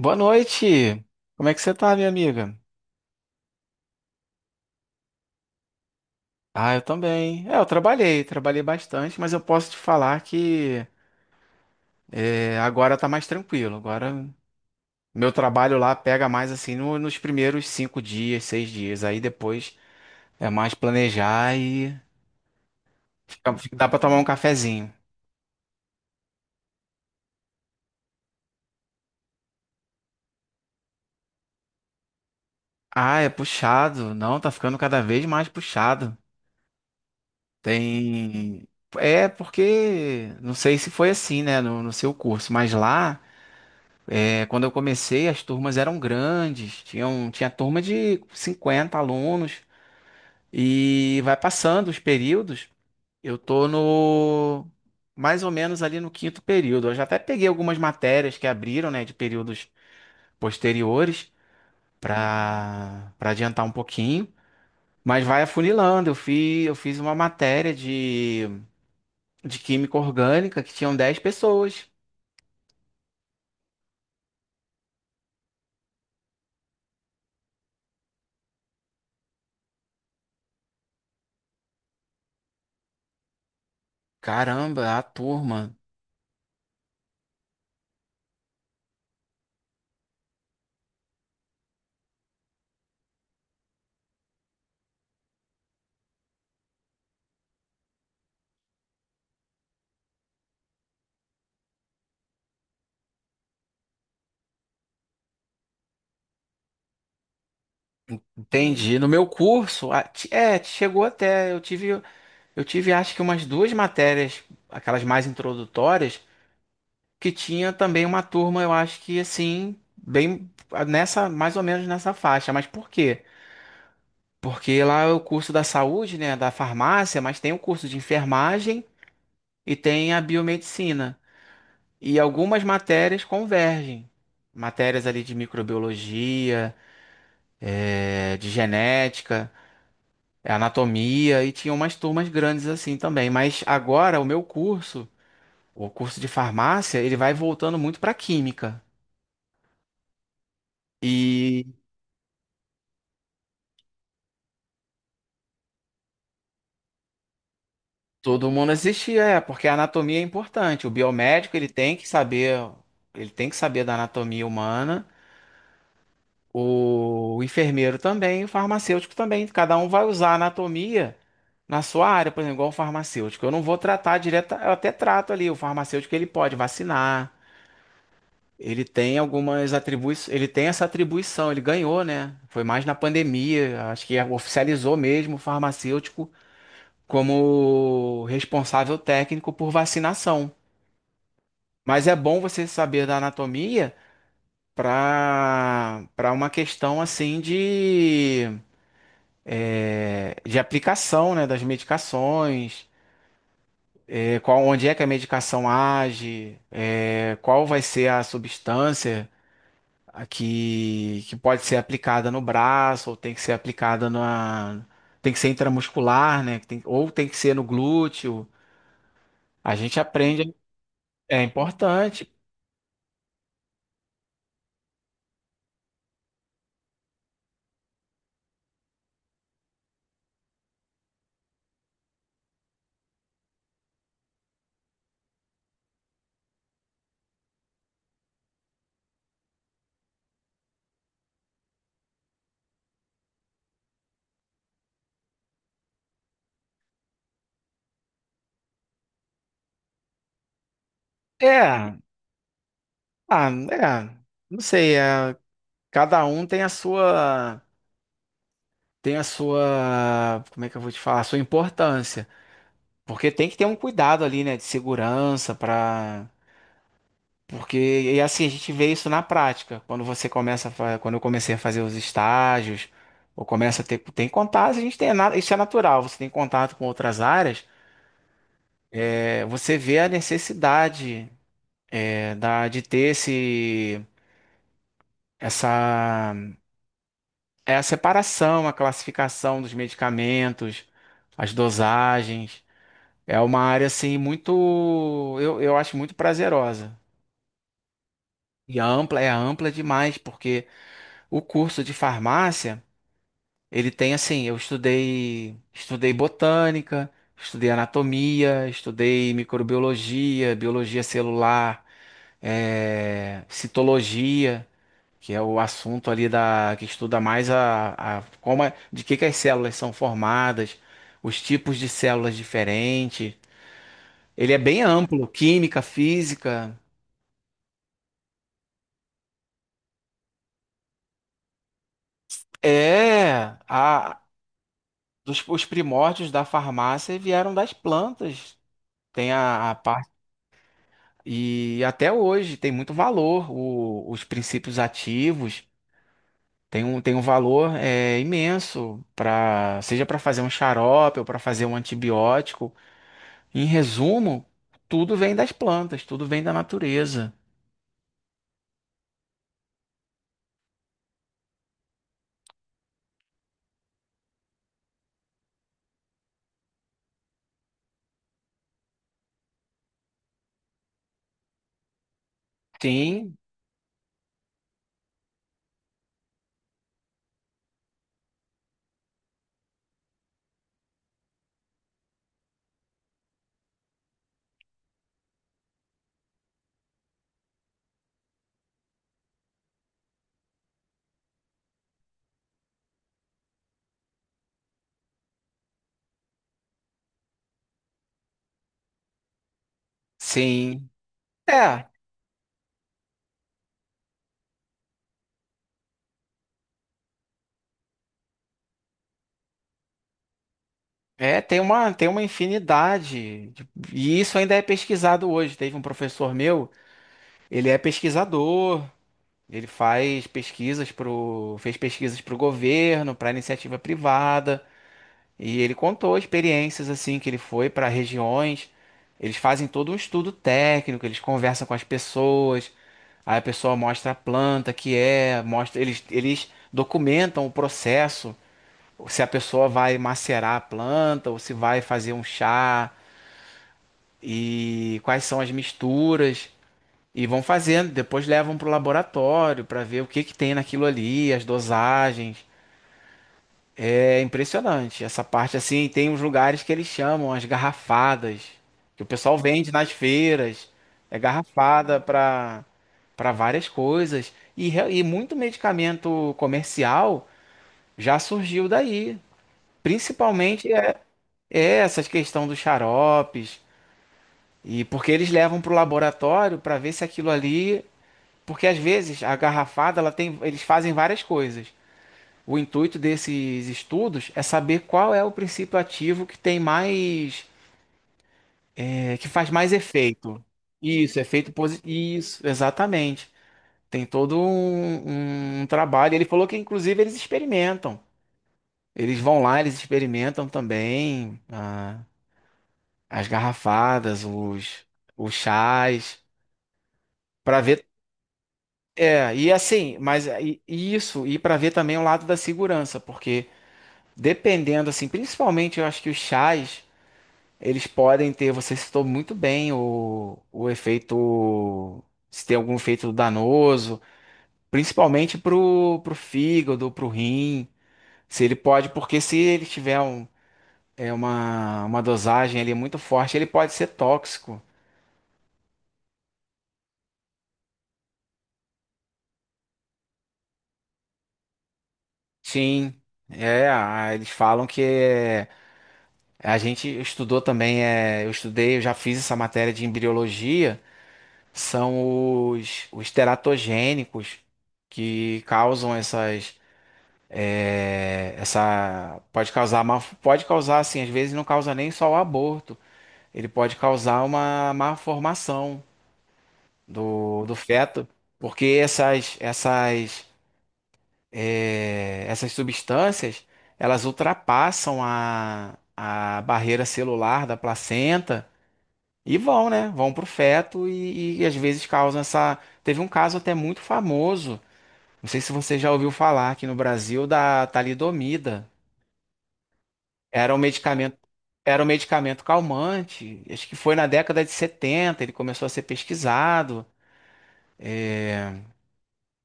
Boa noite. Como é que você tá, minha amiga? Ah, eu também. Eu trabalhei, bastante, mas eu posso te falar que agora tá mais tranquilo. Agora meu trabalho lá pega mais assim nos primeiros cinco dias, seis dias. Aí depois é mais planejar e dá pra tomar um cafezinho. Ah, é puxado. Não, tá ficando cada vez mais puxado. Tem. É porque não sei se foi assim, né, no seu curso, mas lá. É, quando eu comecei, as turmas eram grandes, tinha turma de 50 alunos, e vai passando os períodos. Eu tô no mais ou menos ali no quinto período. Eu já até peguei algumas matérias que abriram, né, de períodos posteriores para adiantar um pouquinho, mas vai afunilando. Eu fiz uma matéria de química orgânica que tinham 10 pessoas. Caramba, a turma. Entendi. No meu curso, chegou até, eu tive acho que umas duas matérias, aquelas mais introdutórias, que tinha também uma turma, eu acho que assim, bem nessa, mais ou menos nessa faixa. Mas por quê? Porque lá é o curso da saúde, né, da farmácia, mas tem o curso de enfermagem e tem a biomedicina. E algumas matérias convergem. Matérias ali de microbiologia, de genética. É anatomia e tinha umas turmas grandes assim também. Mas agora o meu curso, o curso de farmácia, ele vai voltando muito para química. E todo mundo assistia, é, porque a anatomia é importante. O biomédico, ele tem que saber, ele tem que saber da anatomia humana. O enfermeiro também, o farmacêutico também. Cada um vai usar a anatomia na sua área, por exemplo, igual o farmacêutico. Eu não vou tratar direto, eu até trato ali. O farmacêutico ele pode vacinar. Ele tem algumas atribuições, ele tem essa atribuição, ele ganhou, né? Foi mais na pandemia, acho que oficializou mesmo o farmacêutico como responsável técnico por vacinação. Mas é bom você saber da anatomia para uma questão assim de, é, de aplicação, né, das medicações, é, qual, onde é que a medicação age, é, qual vai ser a substância. A que pode ser aplicada no braço, ou tem que ser aplicada na. Tem que ser intramuscular, né? Ou tem que ser no glúteo. A gente aprende, é importante. É, ah, é, não sei, é, cada um tem a sua, como é que eu vou te falar, a sua importância. Porque tem que ter um cuidado ali, né, de segurança para. Porque, e assim, a gente vê isso na prática. Quando você quando eu comecei a fazer os estágios, ou começa a ter, tem contato, a gente tem, isso é natural, você tem contato com outras áreas, é, você vê a necessidade, é, da, de ter esse, essa, é a separação, a classificação dos medicamentos, as dosagens. É uma área, assim, muito, eu acho muito prazerosa. E é ampla demais, porque o curso de farmácia. Ele tem assim, estudei botânica, estudei anatomia, estudei microbiologia, biologia celular, citologia, que é o assunto ali da que estuda mais a, de que as células são formadas, os tipos de células diferentes. Ele é bem amplo, química, física. É, a, dos, os primórdios da farmácia vieram das plantas. Tem a parte. E até hoje tem muito valor os princípios ativos. Tem um valor é, imenso para seja para fazer um xarope ou para fazer um antibiótico. Em resumo, tudo vem das plantas, tudo vem da natureza. Sim, sim. É, é, tem uma infinidade. De. E isso ainda é pesquisado hoje. Teve um professor meu, ele é pesquisador, ele faz pesquisas pro, fez pesquisas para o governo, para iniciativa privada. E ele contou experiências assim que ele foi para regiões. Eles fazem todo um estudo técnico, eles conversam com as pessoas, aí a pessoa mostra a planta que é, mostra, eles documentam o processo, se a pessoa vai macerar a planta ou se vai fazer um chá e quais são as misturas e vão fazendo, depois levam para o laboratório para ver o que que tem naquilo ali, as dosagens. É impressionante. Essa parte assim, tem uns lugares que eles chamam as garrafadas, que o pessoal vende nas feiras. É garrafada para para várias coisas. E, e muito medicamento comercial já surgiu daí. Principalmente é, é essas questão dos xaropes. E porque eles levam para o laboratório para ver se aquilo ali. Porque às vezes a garrafada, ela tem, eles fazem várias coisas. O intuito desses estudos é saber qual é o princípio ativo que tem mais, é, que faz mais efeito. Isso, efeito positivo. Isso, exatamente. Um trabalho. Ele falou que, inclusive, eles experimentam. Eles vão lá, eles experimentam também as garrafadas, os chás, para ver. É, e assim, mas e isso, e para ver também o lado da segurança, porque dependendo, assim, principalmente eu acho que os chás. Eles podem ter, você citou muito bem o efeito, se tem algum efeito danoso, pro fígado, pro rim, se ele pode, porque se ele tiver um, é uma dosagem ali muito forte, ele pode ser tóxico. Sim, é, eles falam que é, a gente estudou também, é, eu estudei, eu já fiz essa matéria de embriologia, são os teratogênicos que causam essas. É, essa pode causar má, pode causar assim, às vezes não causa nem só o aborto, ele pode causar uma má formação do feto, porque essas é, essas substâncias elas ultrapassam a barreira celular da placenta e vão, né? Vão para o feto e às vezes causam essa. Teve um caso até muito famoso, não sei se você já ouviu falar aqui no Brasil da talidomida. Era um medicamento, era um medicamento calmante. Acho que foi na década de 70 ele começou a ser pesquisado.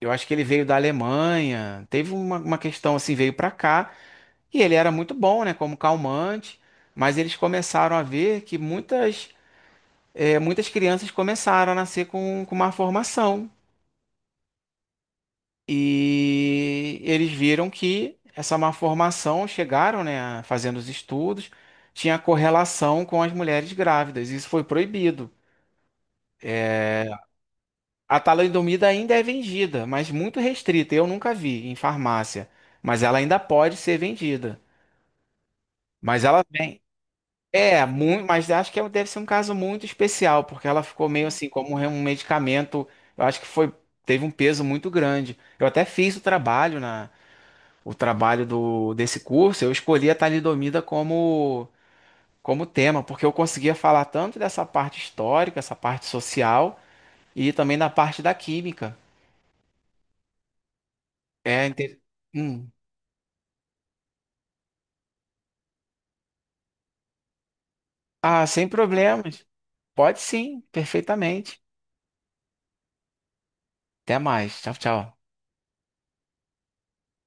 Eu acho que ele veio da Alemanha. Teve uma questão assim, veio para cá e ele era muito bom, né, como calmante, mas eles começaram a ver que muitas muitas crianças começaram a nascer com uma formação. E eles viram que essa má formação, chegaram, né, fazendo os estudos, tinha correlação com as mulheres grávidas. Isso foi proibido. A talidomida ainda é vendida, mas muito restrita. Eu nunca vi em farmácia, mas ela ainda pode ser vendida. Mas ela vem. É, muito, mas acho que deve ser um caso muito especial, porque ela ficou meio assim como um medicamento. Eu acho que foi, teve um peso muito grande. Eu até fiz o trabalho do, desse curso. Eu escolhi a talidomida como como tema, porque eu conseguia falar tanto dessa parte histórica, essa parte social e também da parte da química. É, inte- Hum. Ah, sem problemas. Pode sim, perfeitamente. Até mais. Tchau, tchau.